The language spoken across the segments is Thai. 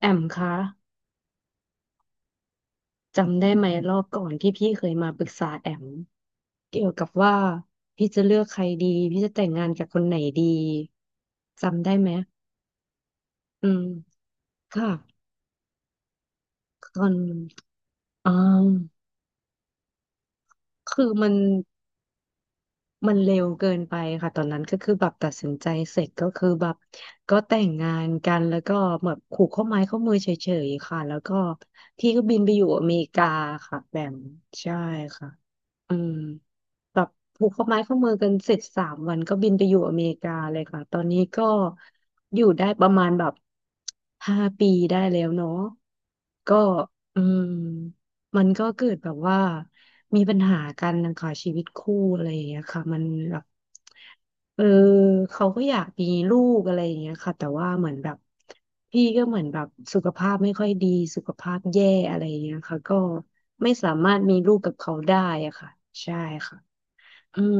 แอมคะจำได้ไหมรอบก่อนที่พี่เคยมาปรึกษาแอมเกี่ยวกับว่าพี่จะเลือกใครดีพี่จะแต่งงานกับคนไหนดีจำได้ไหมอืมค่ะตอนอ่าคือมันเร็วเกินไปค่ะตอนนั้นก็คือแบบตัดสินใจเสร็จก็คือแบบก็แต่งงานกันแล้วก็แบบผูกข้อไม้ข้อมือเฉยๆค่ะแล้วก็พี่ก็บินไปอยู่อเมริกาค่ะแบมใช่ค่ะอืมแบบผูกข้อไม้ข้อมือกันเสร็จ3 วันก็บินไปอยู่อเมริกาเลยค่ะตอนนี้ก็อยู่ได้ประมาณแบบห้าปีได้แล้วเนาะก็อืม มันก็เกิดแบบว่ามีปัญหากันนะคะชีวิตคู่อะไรอย่างเงี้ยค่ะมันแบบเออเขาก็อยากมีลูกอะไรอย่างเงี้ยค่ะแต่ว่าเหมือนแบบพี่ก็เหมือนแบบสุขภาพไม่ค่อยดีสุขภาพแย่อะไรอย่างเงี้ยค่ะก็ไม่สามารถมีลูกกับเขาได้อะค่ะใช่ค่ะอืม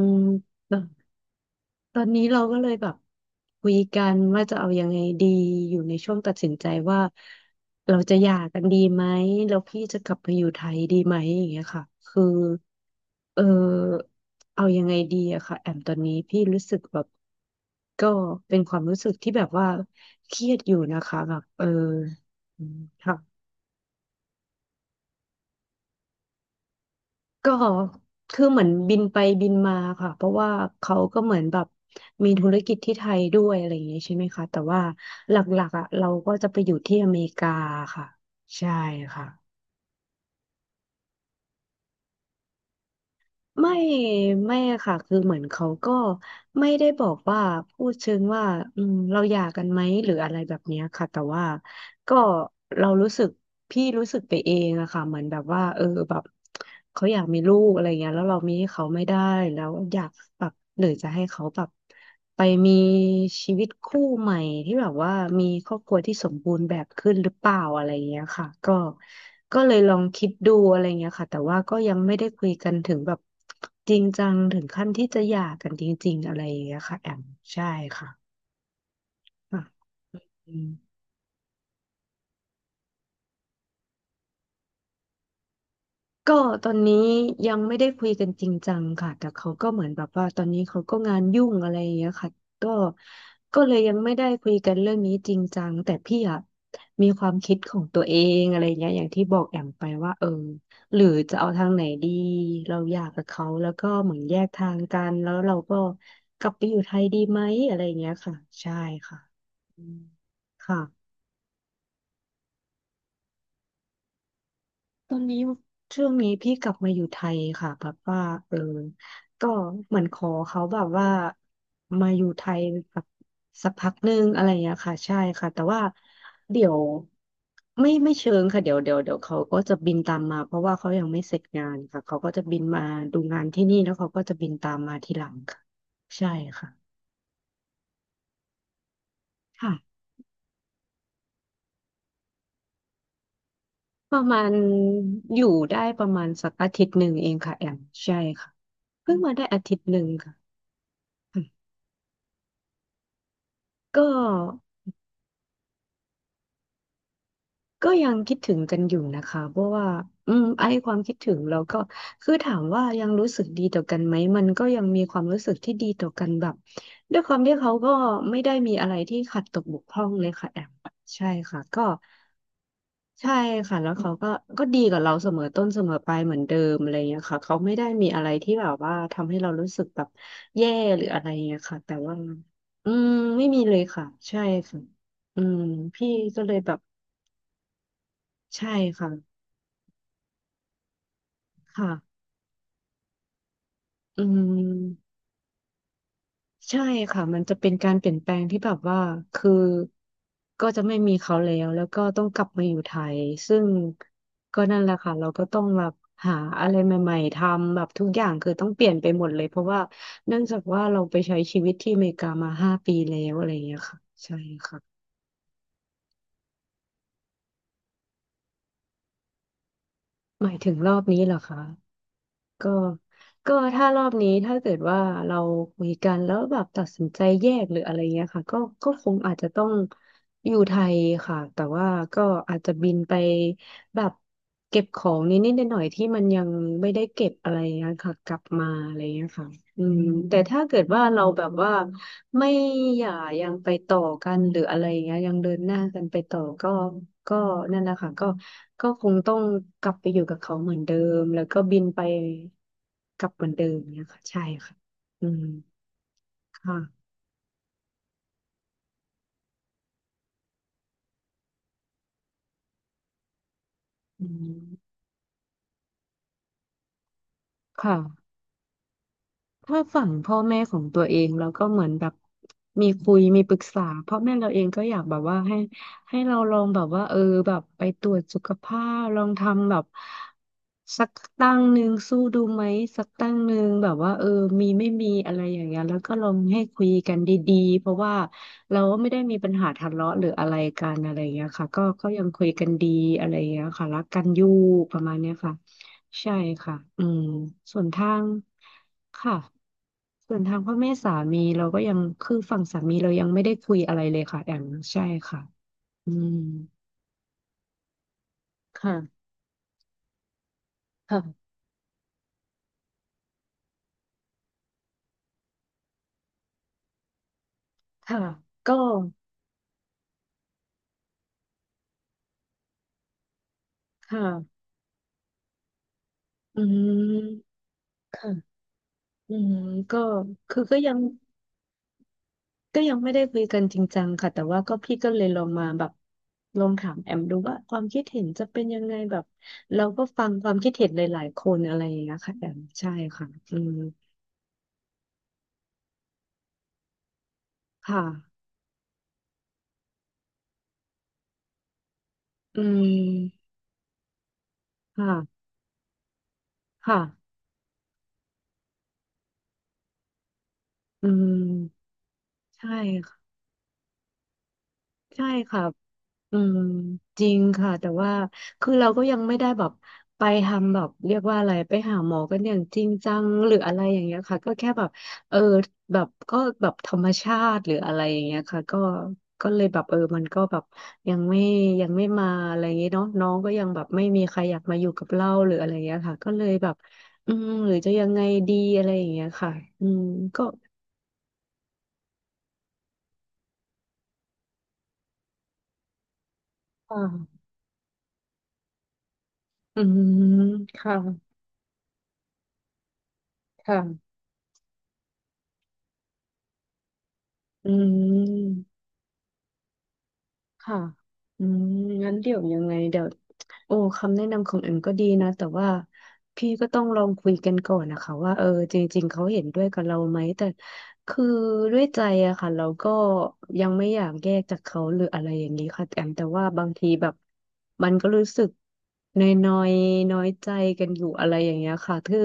ตอนนี้เราก็เลยแบบคุยกันว่าจะเอายังไงดีอยู่ในช่วงตัดสินใจว่าเราจะหย่ากันดีไหมแล้วพี่จะกลับมาอยู่ไทยดีไหมอย่างเงี้ยค่ะคือเออเอายังไงดีอะค่ะแอมตอนนี้พี่รู้สึกแบบก็เป็นความรู้สึกที่แบบว่าเครียดอยู่นะคะแบบเอออืมค่ะ ก็คือเหมือนบินไปบินมาค่ะเพราะว่าเขาก็เหมือนแบบมีธุรกิจที่ไทยด้วยอะไรอย่างเงี้ยใช่ไหมคะแต่ว่าหลักๆอ่ะเราก็จะไปอยู่ที่อเมริกาค่ะใช่ค่ะ ไม่ไม่ค่ะคือเหมือนเขาก็ไม่ได้บอกว่าพูดเชิงว่าอืมเราหย่ากันไหมหรืออะไรแบบเนี้ยค่ะแต่ว่าก็เรารู้สึกพี่รู้สึกไปเองอะค่ะเหมือนแบบว่าเออแบบเขาอยากมีลูกอะไรเงี้ยแล้วเรามีให้เขาไม่ได้แล้วอยากแบบหรือจะให้เขาแบบ ไปมีชีวิตคู่ใหม่ที่แบบว่ามีครอบครัวที่สมบูรณ์แบบขึ้นหรือเปล่าอะไรอย่างเงี้ยค่ะก็ก็เลยลองคิดดูอะไรเงี้ยค่ะแต่ว่าก็ยังไม่ได้คุยกันถึงแบบจริงจังถึงขั้นที่จะหย่ากันจริงๆอะไรอย่างเงี้ยค่ะแอมใช่ค่ะอ่ะอืม ก็ตอนนี้ยังไม่ได้คุยกันจริงจังค่ะแต่เขาก็เหมือนแบบว่าตอนนี้เขาก็งานยุ่งอะไรอย่างเงี้ยค่ะก็ก็เลยยังไม่ได้คุยกันเรื่องนี้จริงจังแต่พี่อะมีความคิดของตัวเองอะไรอย่างเงี้ยอย่างที่บอกแอมไปว่าเออหรือจะเอาทางไหนดีเราอยากกับเขาแล้วก็เหมือนแยกทางกันแล้วเราก็กลับไปอยู่ไทยดีไหมอะไรอย่างเงี้ยค่ะใช่ค่ะอืมค่ะ ตอนนี้ช่วงนี้พี่กลับมาอยู่ไทยค่ะแบบว่าเออก็เหมือนขอเขาแบบว่ามาอยู่ไทยแบบสักพักหนึ่งอะไรอย่างเงี้ยค่ะใช่ค่ะแต่ว่าเดี๋ยวไม่เชิงค่ะเดี๋ยวเขาก็จะบินตามมาเพราะว่าเขายังไม่เสร็จงานค่ะเขาก็จะบินมาดูงานที่นี่แล้วเขาก็จะบินตามมาทีหลังค่ะใช่ค่ะค่ะประมาณอยู่ได้ประมาณสักอาทิตย์หนึ่งเองค่ะแอมใช่ค่ะเพิ่งมาได้อาทิตย์หนึ่งค่ะก็ ก็ยังคิดถึงกันอยู่นะคะเพราะว่าอืมไอ้ความคิดถึงเราก็คือถามว่ายังรู้สึกดีต่อกันไหมมันก็ยังมีความรู้สึกที่ดีต่อกันแบบด้วยความที่เขาก็ไม่ได้มีอะไรที่ขัดตกบกพร่องเลยค่ะแอมใช่ค่ะก็ใช่ค่ะแล้วเขาก็ดีกับเราเสมอต้นเสมอปลายเหมือนเดิมอะไรอย่างเงี้ยค่ะเขาไม่ได้มีอะไรที่แบบว่าทำให้เรารู้สึกแบบแย่หรืออะไรอย่างเงี้ยค่ะแต่ว่าอืมไม่มีเลยค่ะใช่ค่ะอืมพี่ก็เลยแบบใช่ค่ะ ค่ะอืมใช่ค่ะ มันจะเป็นการเปลี่ยนแปลงที่แบบว่าคือก็จะไม่มีเขาแล้วแล้วก็ต้องกลับมาอยู่ไทย ซึ่งก็นั่นแหละค่ะ เราก็ต้องแบบหาอะไรใหม่ๆทำแบบทุกอย่างคือต้องเปลี่ยนไปหมดเลยเพราะว่าเนื่องจากว่าเราไปใช้ชีวิตที่อเมริกามาห้าปีแล้วอะไรอย่างเงี้ยค่ะใช่ค่ะหมายถึงรอบนี้เหรอคะ ก็ก็ถ้ารอบนี้ถ้าเกิดว่าเราคุยกันแล้วแบบตัดสินใจแยกหรืออะไรเงี้ยค่ะก็คงอาจจะต้องอยู่ไทยค่ะแต่ว่าก็อาจจะบินไปแบบเก็บของนิดนิดหน่อยๆที่มันยังไม่ได้เก็บอะไรเงี้ยค่ะกลับมาอะไรเงี้ยค่ะอืมแต่ถ้าเกิดว่าเราแบบว่า ไม่อย่ายังไปต่อกันหรืออะไรอย่างเงี้ยยังเดินหน้ากันไปต่อก็ก็นั่นแหละค่ะก็คงต้องกลับไปอยู่กับเขาเหมือนเดิมแล้วก็บินไปกลับเหมือนเดิมเนี่ยค่ะใช่ค่ะอืมค่ะอืมค่ะ ถ้าฝั่งพ่อแม่ของตัวเองเราก็เหมือนแบบมีคุยมีปรึกษาพ่อแม่เราเองก็อยากแบบว่าให้เราลองแบบว่าเออแบบไปตรวจสุขภาพลองทำแบบสักตั้งหนึ่งสู้ดูไหมสักตั้งหนึ่งแบบว่าเออมีไม่มีอะไรอย่างเงี้ยแล้วก็ลองให้คุยกันดีๆเพราะว่าเราก็ไม่ได้มีปัญหาทะเลาะหรืออะไรกันอะไรอย่างเงี้ยค่ะก็ก็ยังคุยกันดีอะไรอย่างเงี้ยค่ะรักกันอยู่ประมาณเนี้ยค่ะ ใช่ค่ะอืมส่วนทางค่ะส่วนทางพ่อแม่สามีเราก็ยังคือฝั่งสามีเรายังไม่ได้คุยอะไรเลยค่ะแอมใช่ค่ะอืมค่ะค่ะค่ะก็ค่ะอืมค่ะอืมก็คือก็ยังไม่ได้คุยกันจริงจังค่ะแต่ว่าก็พี่ก็เลยลองมาแบบลองถามแอมดูว่าความคิดเห็นจะเป็นยังไงแบบเราก็ฟังความคิดเห็นหลายๆคนอะไรอย่างเงี้ยค่ะแอมใช่ค่ะอืมค่ะ อืมค่ะค่ะอืมใช่ค่ะใช่ค่ะอืมจริงค่ะ แต่ว่า คือเราก็ยังไม่ได้แบบไปทำแบบเรียกว่าอะไรไปหาหมอกันอย่างจริงจังหรืออะไรอย่างเงี้ยค่ะก็แค่แบบเออแบบก็แบบธรรมชาติหรืออะไรอย่างเงี้ยค่ะก็ก็เลยแบบเออมันก็แบบยังไม่ยังไม่มาอะไรอย่างเงี้ยเนาะน้องก็ยังแบบไม่มีใครอยากมาอยู่กับเราหรืออะไรอย่างเงี้ยค่ะก็เลยแบบอืมหรือจะยังไงดีอะไรอย่างเงี้ยค่ะอืมก็ ค่ะอืมค่ะค่ะอืม ค่ะอืมงั้นเดี๋ยวยังไงเดี๋ยวโอ้คำแนะนำของเอ็มก็ดีนะแต่ว่าพี่ก็ต้องลองคุยกันก่อนนะคะว่าเออจริงๆเขาเห็นด้วยกับเราไหมแต่คือด้วยใจอะค่ะเราก็ยังไม่อยากแยกจากเขาหรืออะไรอย่างนี้ค่ะแอมแต่ว่าบางทีแบบมันก็รู้สึกนอยน้อยน้อยใจกันอยู่อะไรอย่างเงี้ยค่ะคือ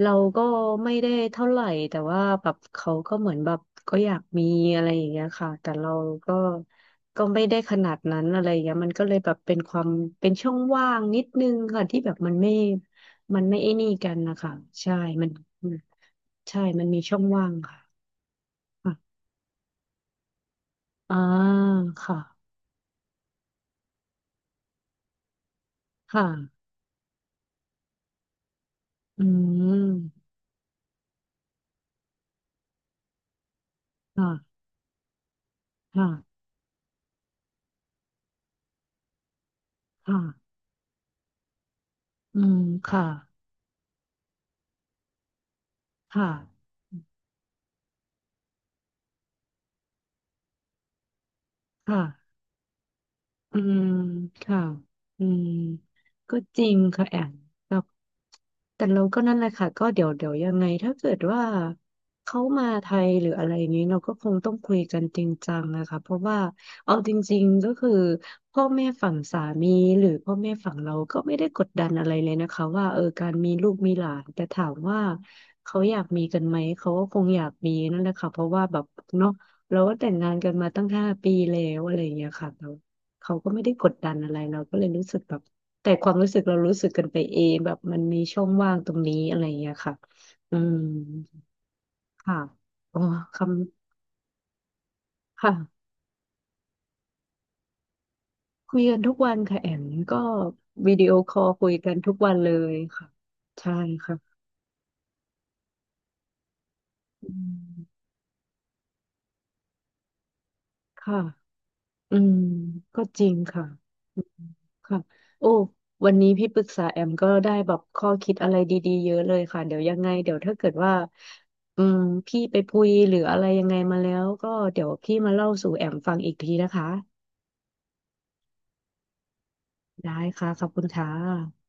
เราก็ไม่ได้เท่าไหร่แต่ว่าแบบเขาก็เหมือนแบบก็อยากมีอะไรอย่างเงี้ยค่ะแต่เราก็ ก็ไม่ได้ขนาดนั้นอะไรอย่างเงี้ยมันก็เลยแบบเป็นความเป็นช่องว่างนิดนึงค่ะที่แบบมันไม่ไอ้นี่กันนะคะใช่มันมันใช่มันมีช่องว่างค่ะค่ะอ่าค่ะ ค่ะ อืม ค่ะ ค่ะ ค่ะอืมค่ะ ค่ะค่ะ อืมค่ะอืม ก็จริงค่ะแอมแบบแต่เราก็นั่นแหละค่ะก็เดี๋ยวยังไงถ้าเกิดว่าเขามาไทยหรืออะไรนี้เราก็คงต้องคุยกันจริงจังนะคะเพราะว่าเอาจริงๆก็คือพ่อแม่ฝั่งสามีหรือพ่อแม่ฝั่งเราก็ไม่ได้กดดันอะไรเลยนะคะว่าเออการมีลูกมีหลานแต่ถามว่าเขาอยากมีกันไหมเขาก็คงอยากมีนั่นแหละค่ะเพราะว่าแบบเนาะเราก็แต่งงานกันมาตั้ง5 ปีแล้วอะไรอย่างเงี้ยค่ะ เขาก็ไม่ได้กดดันอะไรเราก็เลยรู้สึกแบบแต่ความรู้สึกเรารู้สึกกันไปเองแบบมันมีช่องว่างตรงนี้อะไรอย่างเงี้ยค่ะอืมค่ะอ๋อคำค่ะคุยกันทุกวันค่ะแอมก็วิดีโอคอลคุยกันทุกวันเลยค่ะใช่ค่ะอืมค่ะอืมก็จริงค่ะ ค่ะโอ้วันนี้พี่ปรึกษาแอมก็ได้แบบข้อคิดอะไรดีๆเยอะเลยค่ะเดี๋ยวยังไงเดี๋ยวถ้าเกิดว่าอืมพี่ไปพุยหรืออะไรยังไงมาแล้วก็เดี๋ยวพี่มาเล่าสู่แอมฟังอีกทีนะคะได้ค่ะขอบคุณค่ะ